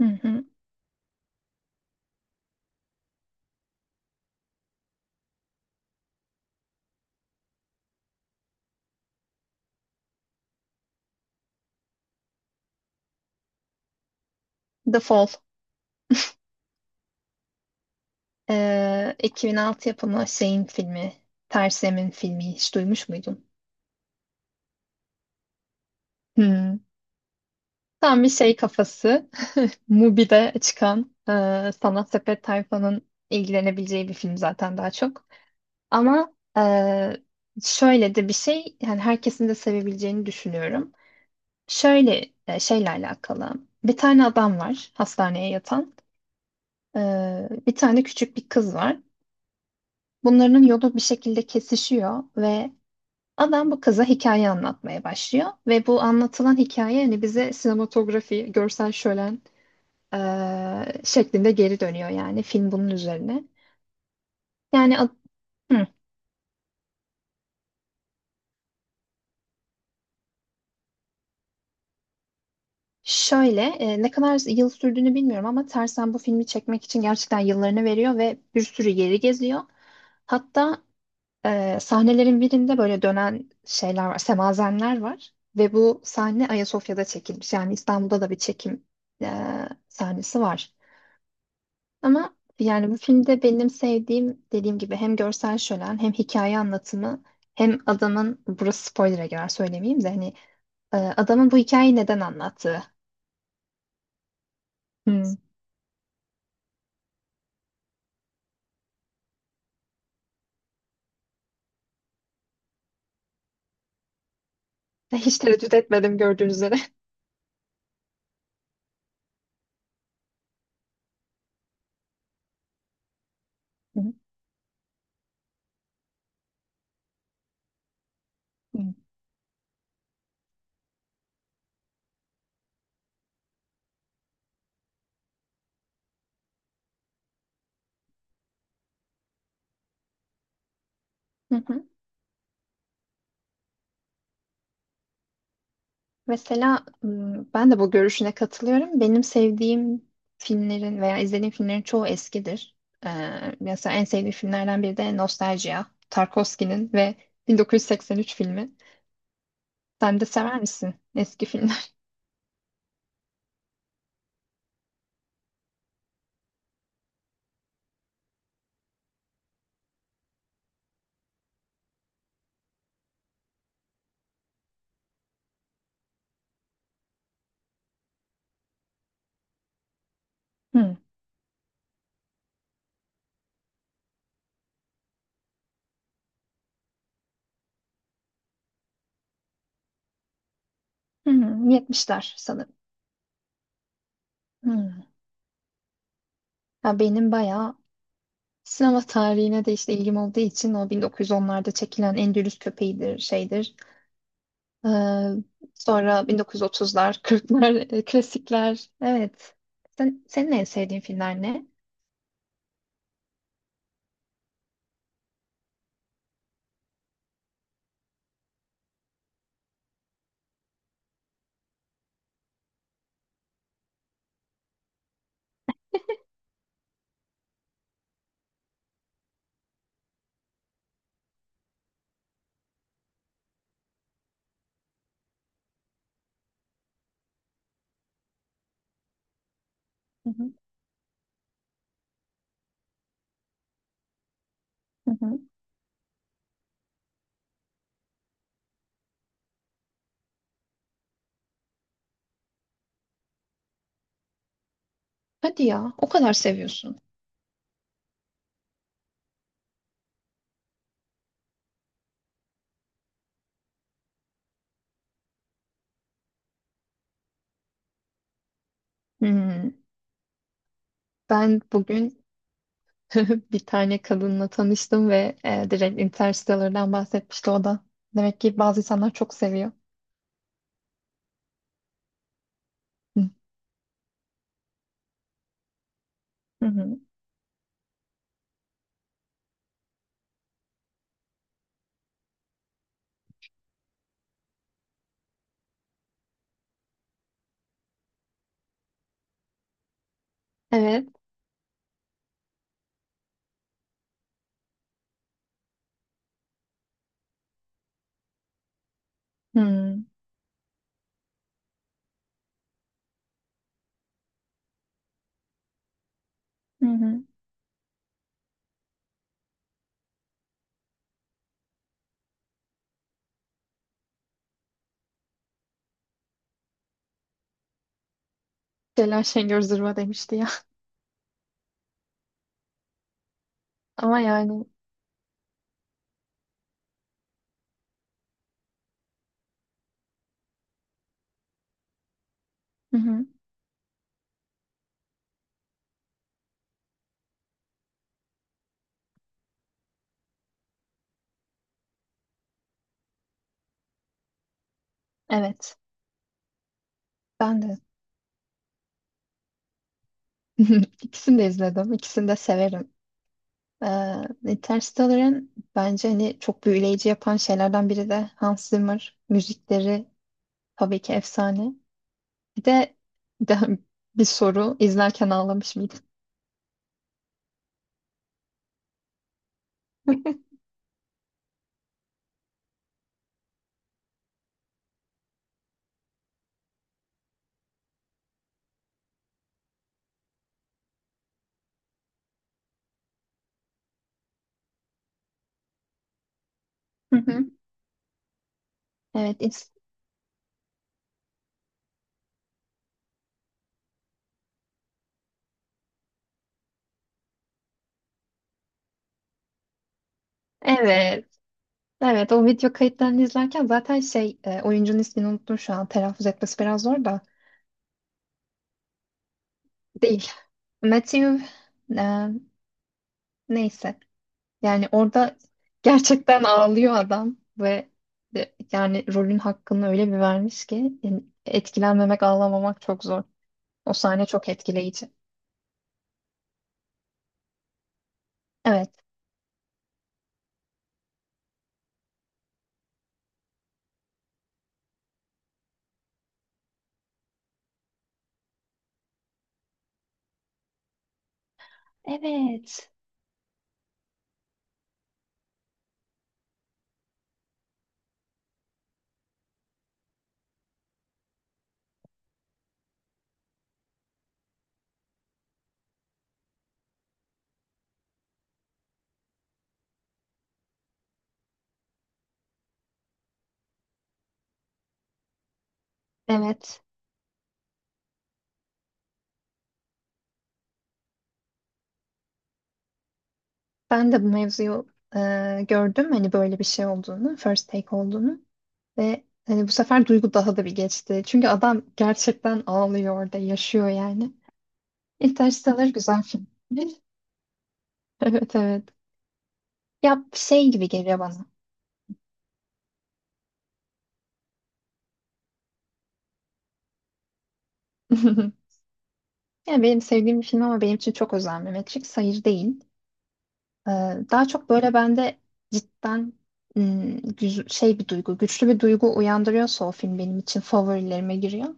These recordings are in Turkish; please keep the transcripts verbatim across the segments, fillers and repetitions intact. Hı hı. The Fall. Ee, iki bin altı yapımı şeyin filmi. Tersem'in filmi. Hiç duymuş muydun? Hmm. Tam bir şey kafası. Mubi'de çıkan e, Sanat Sepet tayfanın ilgilenebileceği bir film zaten daha çok. Ama e, şöyle de bir şey. Yani herkesin de sevebileceğini düşünüyorum. Şöyle e, şeyle alakalı. Bir tane adam var hastaneye yatan. E, bir tane küçük bir kız var. Bunların yolu bir şekilde kesişiyor ve adam bu kıza hikaye anlatmaya başlıyor ve bu anlatılan hikaye hani bize sinematografi, görsel şölen eee, şeklinde geri dönüyor yani film bunun üzerine. Yani ad- hı, şöyle e, ne kadar yıl sürdüğünü bilmiyorum ama Tersen bu filmi çekmek için gerçekten yıllarını veriyor ve bir sürü yeri geziyor. Hatta e, sahnelerin birinde böyle dönen şeyler var, semazenler var ve bu sahne Ayasofya'da çekilmiş. Yani İstanbul'da da bir çekim e, sahnesi var. Ama yani bu filmde benim sevdiğim dediğim gibi hem görsel şölen hem hikaye anlatımı hem adamın burası spoiler'a girer söylemeyeyim de hani e, adamın bu hikayeyi neden anlattığı. Hı. Hiç tereddüt etmedim gördüğünüz üzere. Hı. Hı. Hı hı. Mesela m, ben de bu görüşüne katılıyorum. Benim sevdiğim filmlerin veya izlediğim filmlerin çoğu eskidir. Ee, mesela en sevdiğim filmlerden biri de Nostalgia, Tarkovski'nin ve bin dokuz yüz seksen üç filmi. Sen de sever misin eski filmler? Hı. Hmm, yetmişler sanırım. Hmm. Ya benim bayağı sinema tarihine de işte ilgim olduğu için o bin dokuz yüz onlarda çekilen Endülüs Köpeği'dir, şeydir. Ee, sonra bin dokuz yüz otuzlar, kırklar, e, klasikler. Evet. Sen, senin en sevdiğin filmler ne? Hı hı. Hı hı. Hadi ya, o kadar seviyorsun. Hmm. Ben bugün bir tane kadınla tanıştım ve e, direkt Interstellar'dan bahsetmişti o da. Demek ki bazı insanlar çok seviyor. Hı hı. Evet. Hmm. Hı hı. Celal Şengör zırva demişti ya. Ama yani hı hı. Evet. Ben de ikisini de izledim. İkisini de severim. Ee, Interstellar'ın bence hani çok büyüleyici yapan şeylerden biri de Hans Zimmer. Müzikleri tabii ki efsane. Bir de, bir de bir soru izlerken ağlamış mıydın? Hı hı. Evet, is- evet, evet. O video kayıtlarını izlerken zaten şey e, oyuncunun ismini unuttum şu an. Telaffuz etmesi biraz zor da değil. Matthew e, neyse. Yani orada gerçekten ağlıyor adam ve de- yani rolün hakkını öyle bir vermiş ki yani etkilenmemek, ağlamamak çok zor. O sahne çok etkileyici. Evet, evet. Evet. Ben de bu mevzuyu e, gördüm. Hani böyle bir şey olduğunu, first take olduğunu ve hani bu sefer duygu daha da bir geçti. Çünkü adam gerçekten ağlıyor orada, yaşıyor yani. Interstellar güzel film. Evet, evet. Ya şey gibi geliyor bana. Yani benim sevdiğim bir film ama benim için çok özel Mehmetçik. Hayır değil. Ee, daha çok böyle bende cidden ım, güz- şey bir duygu, güçlü bir duygu uyandırıyorsa o film benim için favorilerime giriyor.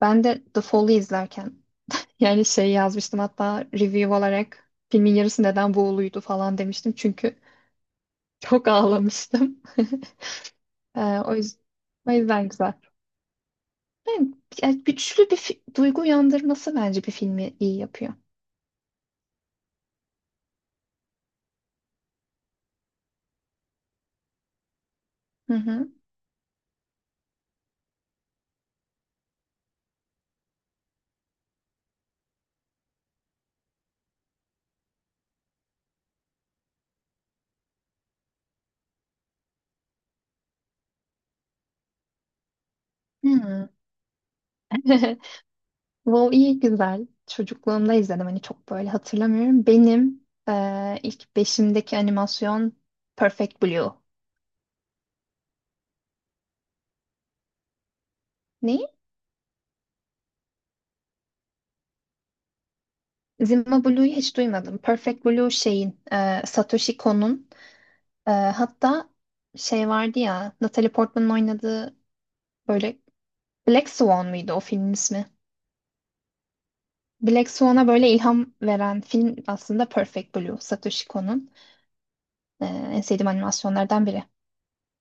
Ben de The Fall'ı izlerken yani şey yazmıştım hatta review olarak filmin yarısı neden buğuluydu falan demiştim. Çünkü çok ağlamıştım. Ee, o yüzden, o yüzden güzel. Yani, yani güçlü bir fi- duygu uyandırması bence bir filmi iyi yapıyor. Hı hı. Hı. WoW iyi güzel. Çocukluğumda izledim. Hani çok böyle hatırlamıyorum. Benim eee, ilk beşimdeki animasyon Perfect Blue. Ne? Zima Blue'yu hiç duymadım. Perfect Blue şeyin eee, Satoshi Kon'un eee, hatta şey vardı ya Natalie Portman'ın oynadığı böyle Black Swan mıydı o filmin ismi? Black Swan'a böyle ilham veren film aslında Perfect Blue. Satoshi Kon'un eee, en sevdiğim animasyonlardan biri.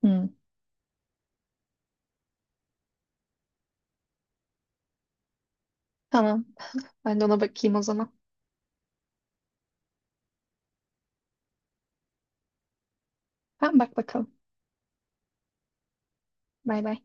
Hmm. Tamam. Ben de ona bakayım o zaman. Tamam bak bakalım. Bay bay.